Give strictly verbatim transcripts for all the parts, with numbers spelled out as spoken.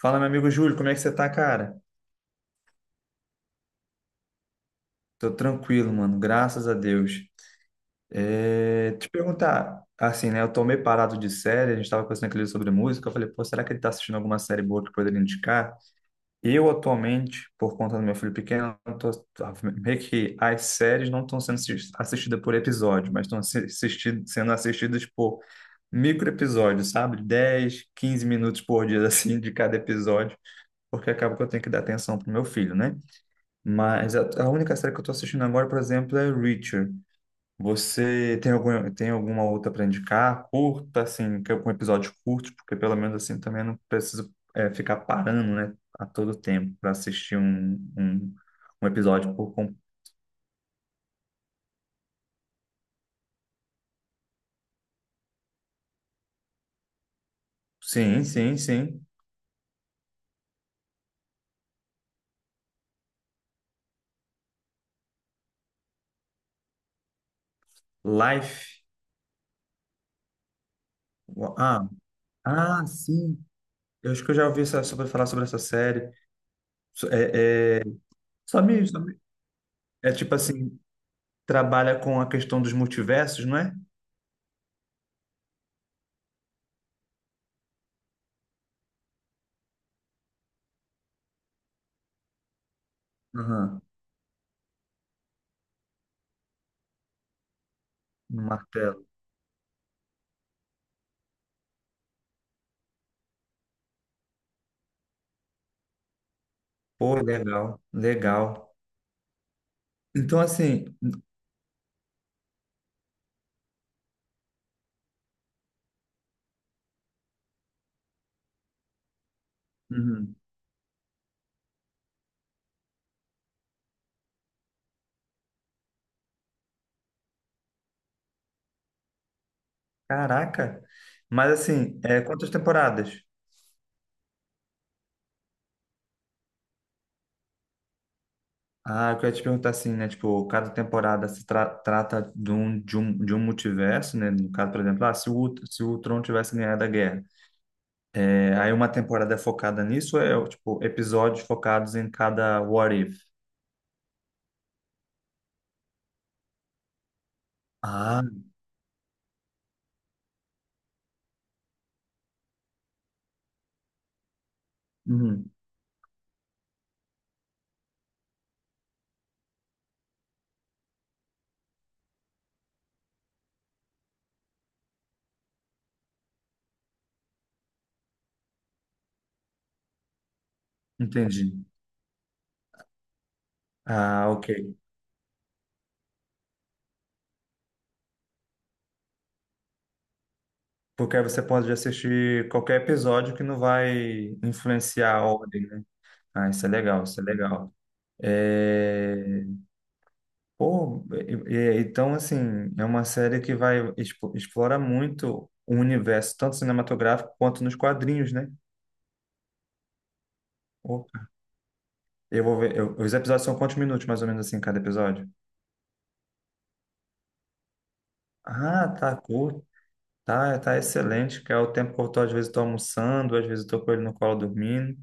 Fala, meu amigo Júlio, como é que você tá, cara? Tô tranquilo, mano, graças a Deus. É, te perguntar, assim, né? Eu tô meio parado de série, a gente tava conversando aquele sobre música. Eu falei, pô, será que ele tá assistindo alguma série boa que poderia indicar? Eu, atualmente, por conta do meu filho pequeno, eu tô, tô- meio que as séries não estão sendo assis- assistidas por episódio, mas estão sendo assistidas por micro episódios, sabe? Dez quinze minutos por dia, assim, de cada episódio, porque acaba que eu tenho que dar atenção pro meu filho, né? Mas a, a única série que eu tô assistindo agora, por exemplo, é Reacher. Você tem algum, tem alguma outra para indicar? Curta, assim, que é um episódio curto, porque pelo menos assim também eu não preciso é, ficar parando, né, a todo tempo para assistir um, um, um episódio por com... Sim, sim, sim. Life. Ah, ah, sim. Eu acho que eu já ouvi essa- sobre falar sobre essa série. So- É, é... Só me, só me- É tipo assim, trabalha com a questão dos multiversos, não é? Aham. No martelo. Pô, legal, legal. Então, assim, uhum, caraca, mas assim, é, quantas temporadas? Ah, eu queria te perguntar assim, né? Tipo, cada temporada se tra- trata de um, de um, de um multiverso, né? No caso, por exemplo, ah, se o, se o Tron tivesse ganhado a guerra. É, aí uma temporada é focada nisso, ou é tipo, episódios focados em cada What If? Ah, uhum, entendi. Ah, ok. Porque aí você pode assistir qualquer episódio que não vai influenciar a ordem, né? Ah, isso é legal, isso é legal. É, Pô, e- e- então, assim, é uma série que vai expo- explora muito o universo, tanto cinematográfico quanto nos quadrinhos, né? Opa, eu vou ver. eu- os episódios são quantos minutos, mais ou menos, assim, cada episódio? Ah, tá curto. Tá, tá excelente, que é o tempo que eu tô, às vezes, tô almoçando, às vezes eu tô com ele no colo dormindo.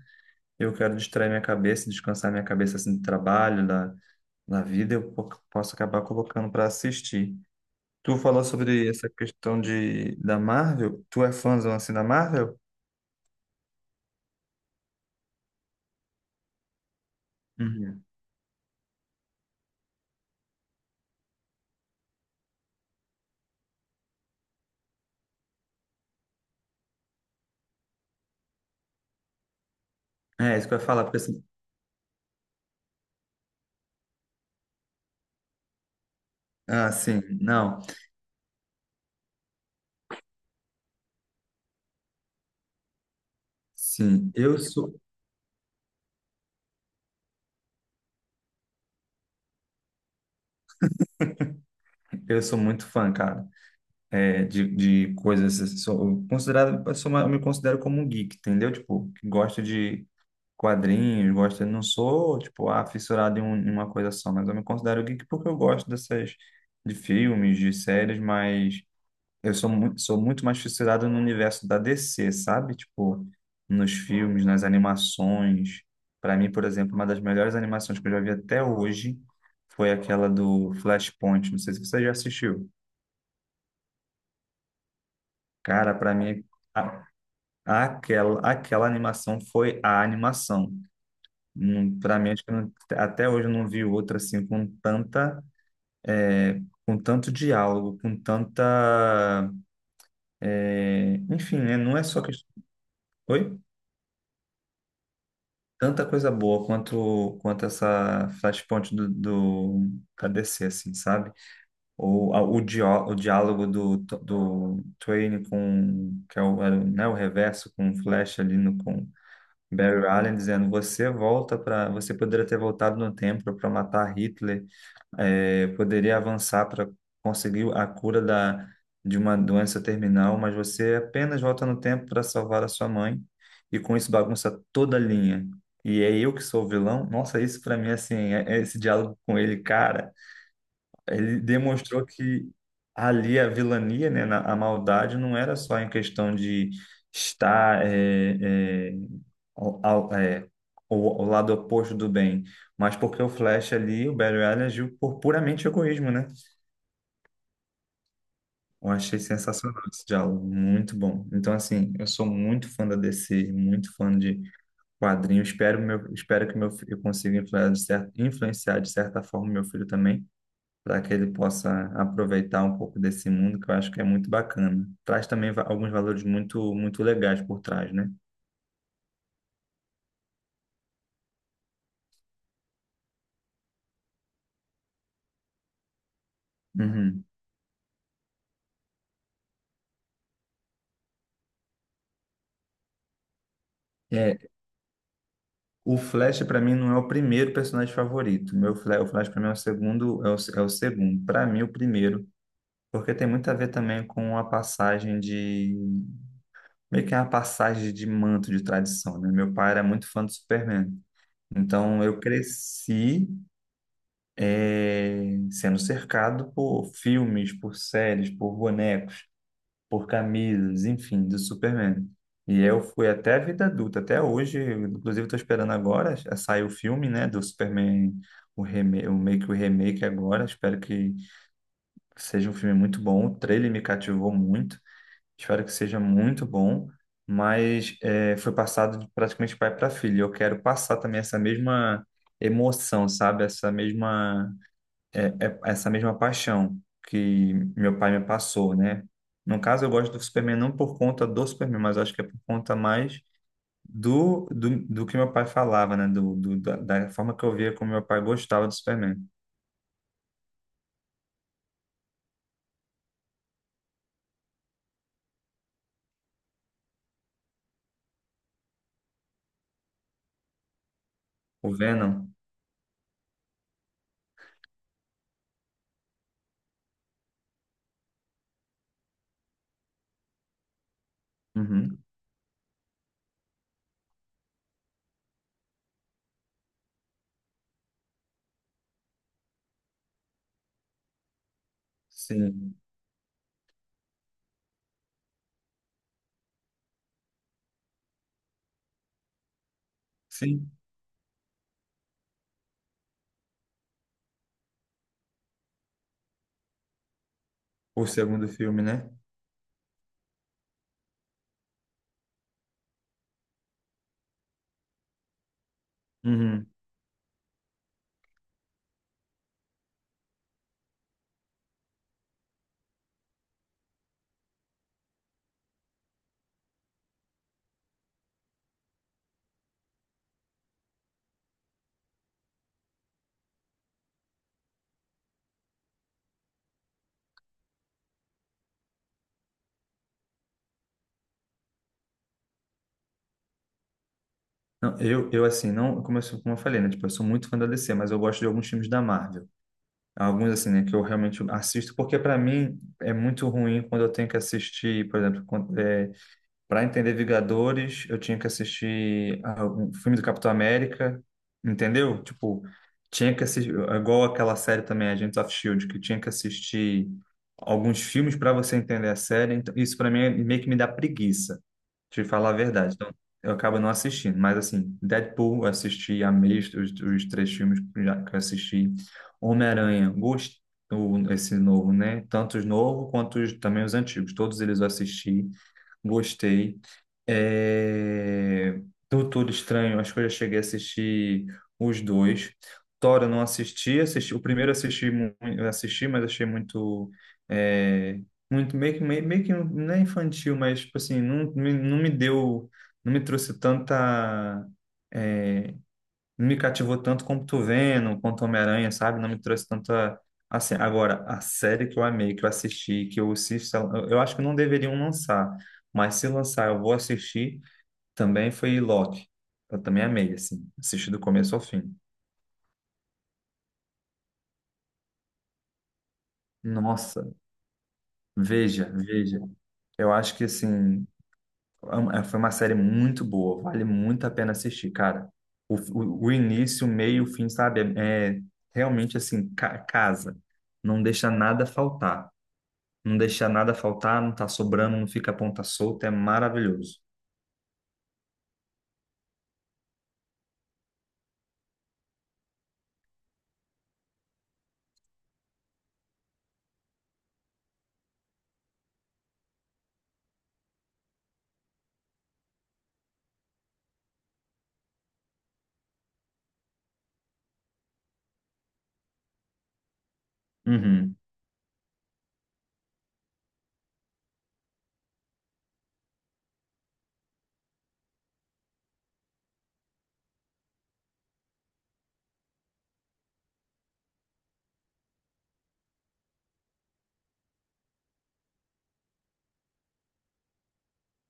Eu quero distrair minha cabeça, descansar minha cabeça, assim, do trabalho, da, da vida. Eu po- posso acabar colocando para assistir. Tu falou sobre essa questão de, da Marvel. Tu é fãzão assim da Marvel? Uhum. É, isso que eu ia falar, porque assim. Ah, sim, não. Sim, eu sou, eu sou muito fã, cara, é, de, de, coisas. Assim, Sou eu considerado, eu sou uma- eu me considero como um geek, entendeu? Tipo, que gosta de quadrinhos, gosta. Não sou, tipo, ah, fissurado em, um- em uma coisa só, mas eu me considero geek porque eu gosto dessas, de filmes, de séries, mas. Eu sou muito, sou muito mais fissurado no universo da D C, sabe? Tipo, nos filmes, nas animações. Para mim, por exemplo, uma das melhores animações que eu já vi até hoje foi aquela do Flashpoint. Não sei se você já assistiu. Cara, para mim, a- aquela, aquela animação foi a animação. Para mim, acho que eu não- até hoje eu não vi outra assim com tanta é, com tanto diálogo, com tanta. é, Enfim, né? Não é só questão. Tanta coisa boa quanto quanto essa Flashpoint do, do da D C, assim, sabe? Ou a- o, dió, o diálogo do, do Twain com, que é o, era o- né, o reverso com o Flash ali no, com Barry Allen dizendo, você volta para, você poderia ter voltado no tempo para matar Hitler, eh, poderia avançar para conseguir a cura da, de uma doença terminal, mas você apenas volta no tempo para salvar a sua mãe e com isso bagunça toda a linha. E é eu que sou o vilão? Nossa, isso para mim, assim, é- é esse diálogo com ele, cara. Ele demonstrou que ali a vilania, né, na- a maldade, não era só em questão de estar é, é, ao, ao- é, o, o lado oposto do bem, mas porque o Flash ali, o Barry Allen, agiu por puramente egoísmo, né? Eu achei sensacional esse diálogo, muito bom. Então, assim, eu sou muito fã da D C, muito fã de quadrinhos. Espero, meu, espero que meu, fi- eu consiga influenciar, de cer- influenciar de certa forma meu filho também para que ele possa aproveitar um pouco desse mundo, que eu acho que é muito bacana. Traz também va- alguns valores muito, muito legais por trás, né? Uhum. É, o Flash para mim não é o primeiro personagem favorito. Meu Flash, o Flash para mim é o segundo, é o, é o segundo. Para mim o primeiro, porque tem muito a ver também com a passagem de meio que é uma passagem de manto de tradição, né? Meu pai era muito fã do Superman. Então eu cresci é, sendo cercado por filmes, por séries, por bonecos, por camisas, enfim, do Superman. E eu fui até a vida adulta, até hoje, inclusive estou esperando agora, eh, sai o filme, né, do Superman, o, reme o meio que o remake agora, espero que seja um filme muito bom, o trailer me cativou muito, espero que seja muito bom, mas eh, foi passado de praticamente pai para filho, eu quero passar também essa mesma emoção, sabe, essa mesma é, é essa mesma paixão que meu pai me passou, né? No caso, eu gosto do Superman não por conta do Superman, mas acho que é por conta mais do, do, do que meu pai falava, né? Do, do- da, da forma que eu via como meu pai gostava do Superman. O Venom. Uhum. Sim. Sim. O segundo filme, né? Uhum. Não, eu, eu, assim, não, como eu, sou- como eu falei, né? Tipo, eu sou muito fã da D C, mas eu gosto de alguns filmes da Marvel. Alguns, assim, né, que eu realmente assisto, porque para mim é muito ruim quando eu tenho que assistir, por exemplo, para entender Vingadores, eu tinha que assistir ah, um filme do Capitão América, entendeu? Tipo, tinha que assistir, igual aquela série também, Agents of Shield, que tinha que assistir alguns filmes para você entender a série. Então, isso para mim é- meio que me dá preguiça, te falar a verdade. Então, eu acabo não assistindo. Mas assim, Deadpool, eu assisti, amei os, os, os três filmes que já- que eu assisti. Homem-Aranha, gostei, o- esse novo, né? Tanto os novos quanto os, também os antigos. Todos eles eu assisti. Gostei. É... Doutor Estranho, acho que eu já cheguei a assistir os dois. Thor eu não assisti, assisti... o primeiro eu assisti, mu- eu assisti, mas achei muito, é, muito meio que, meio, meio que não é infantil, mas tipo assim, não, me- não me deu, não me trouxe tanta, é, não me cativou tanto como tu Venom, quanto Homem-Aranha, sabe? Não me trouxe tanta. Assim, agora, a série que eu amei, que eu assisti, que eu assisto, eu eu acho que não deveriam lançar, mas se lançar, eu vou assistir. Também foi Loki. Eu também amei, assim, assisti do começo ao fim. Nossa, veja, veja. Eu acho que, assim, é uma- foi uma série muito boa, vale muito a pena assistir, cara. O, o, o início, o meio, o fim, sabe? É, é realmente, assim, ca- casa. Não deixa nada faltar. Não deixa nada faltar, não tá sobrando, não fica a ponta solta, é maravilhoso. Uhum.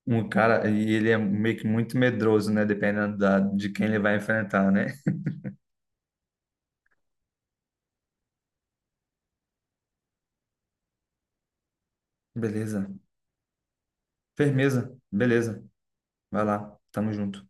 Um cara, e ele é meio que muito medroso, né? Dependendo da, de quem ele vai enfrentar, né? Beleza. Firmeza. Beleza. Vai lá. Tamo junto.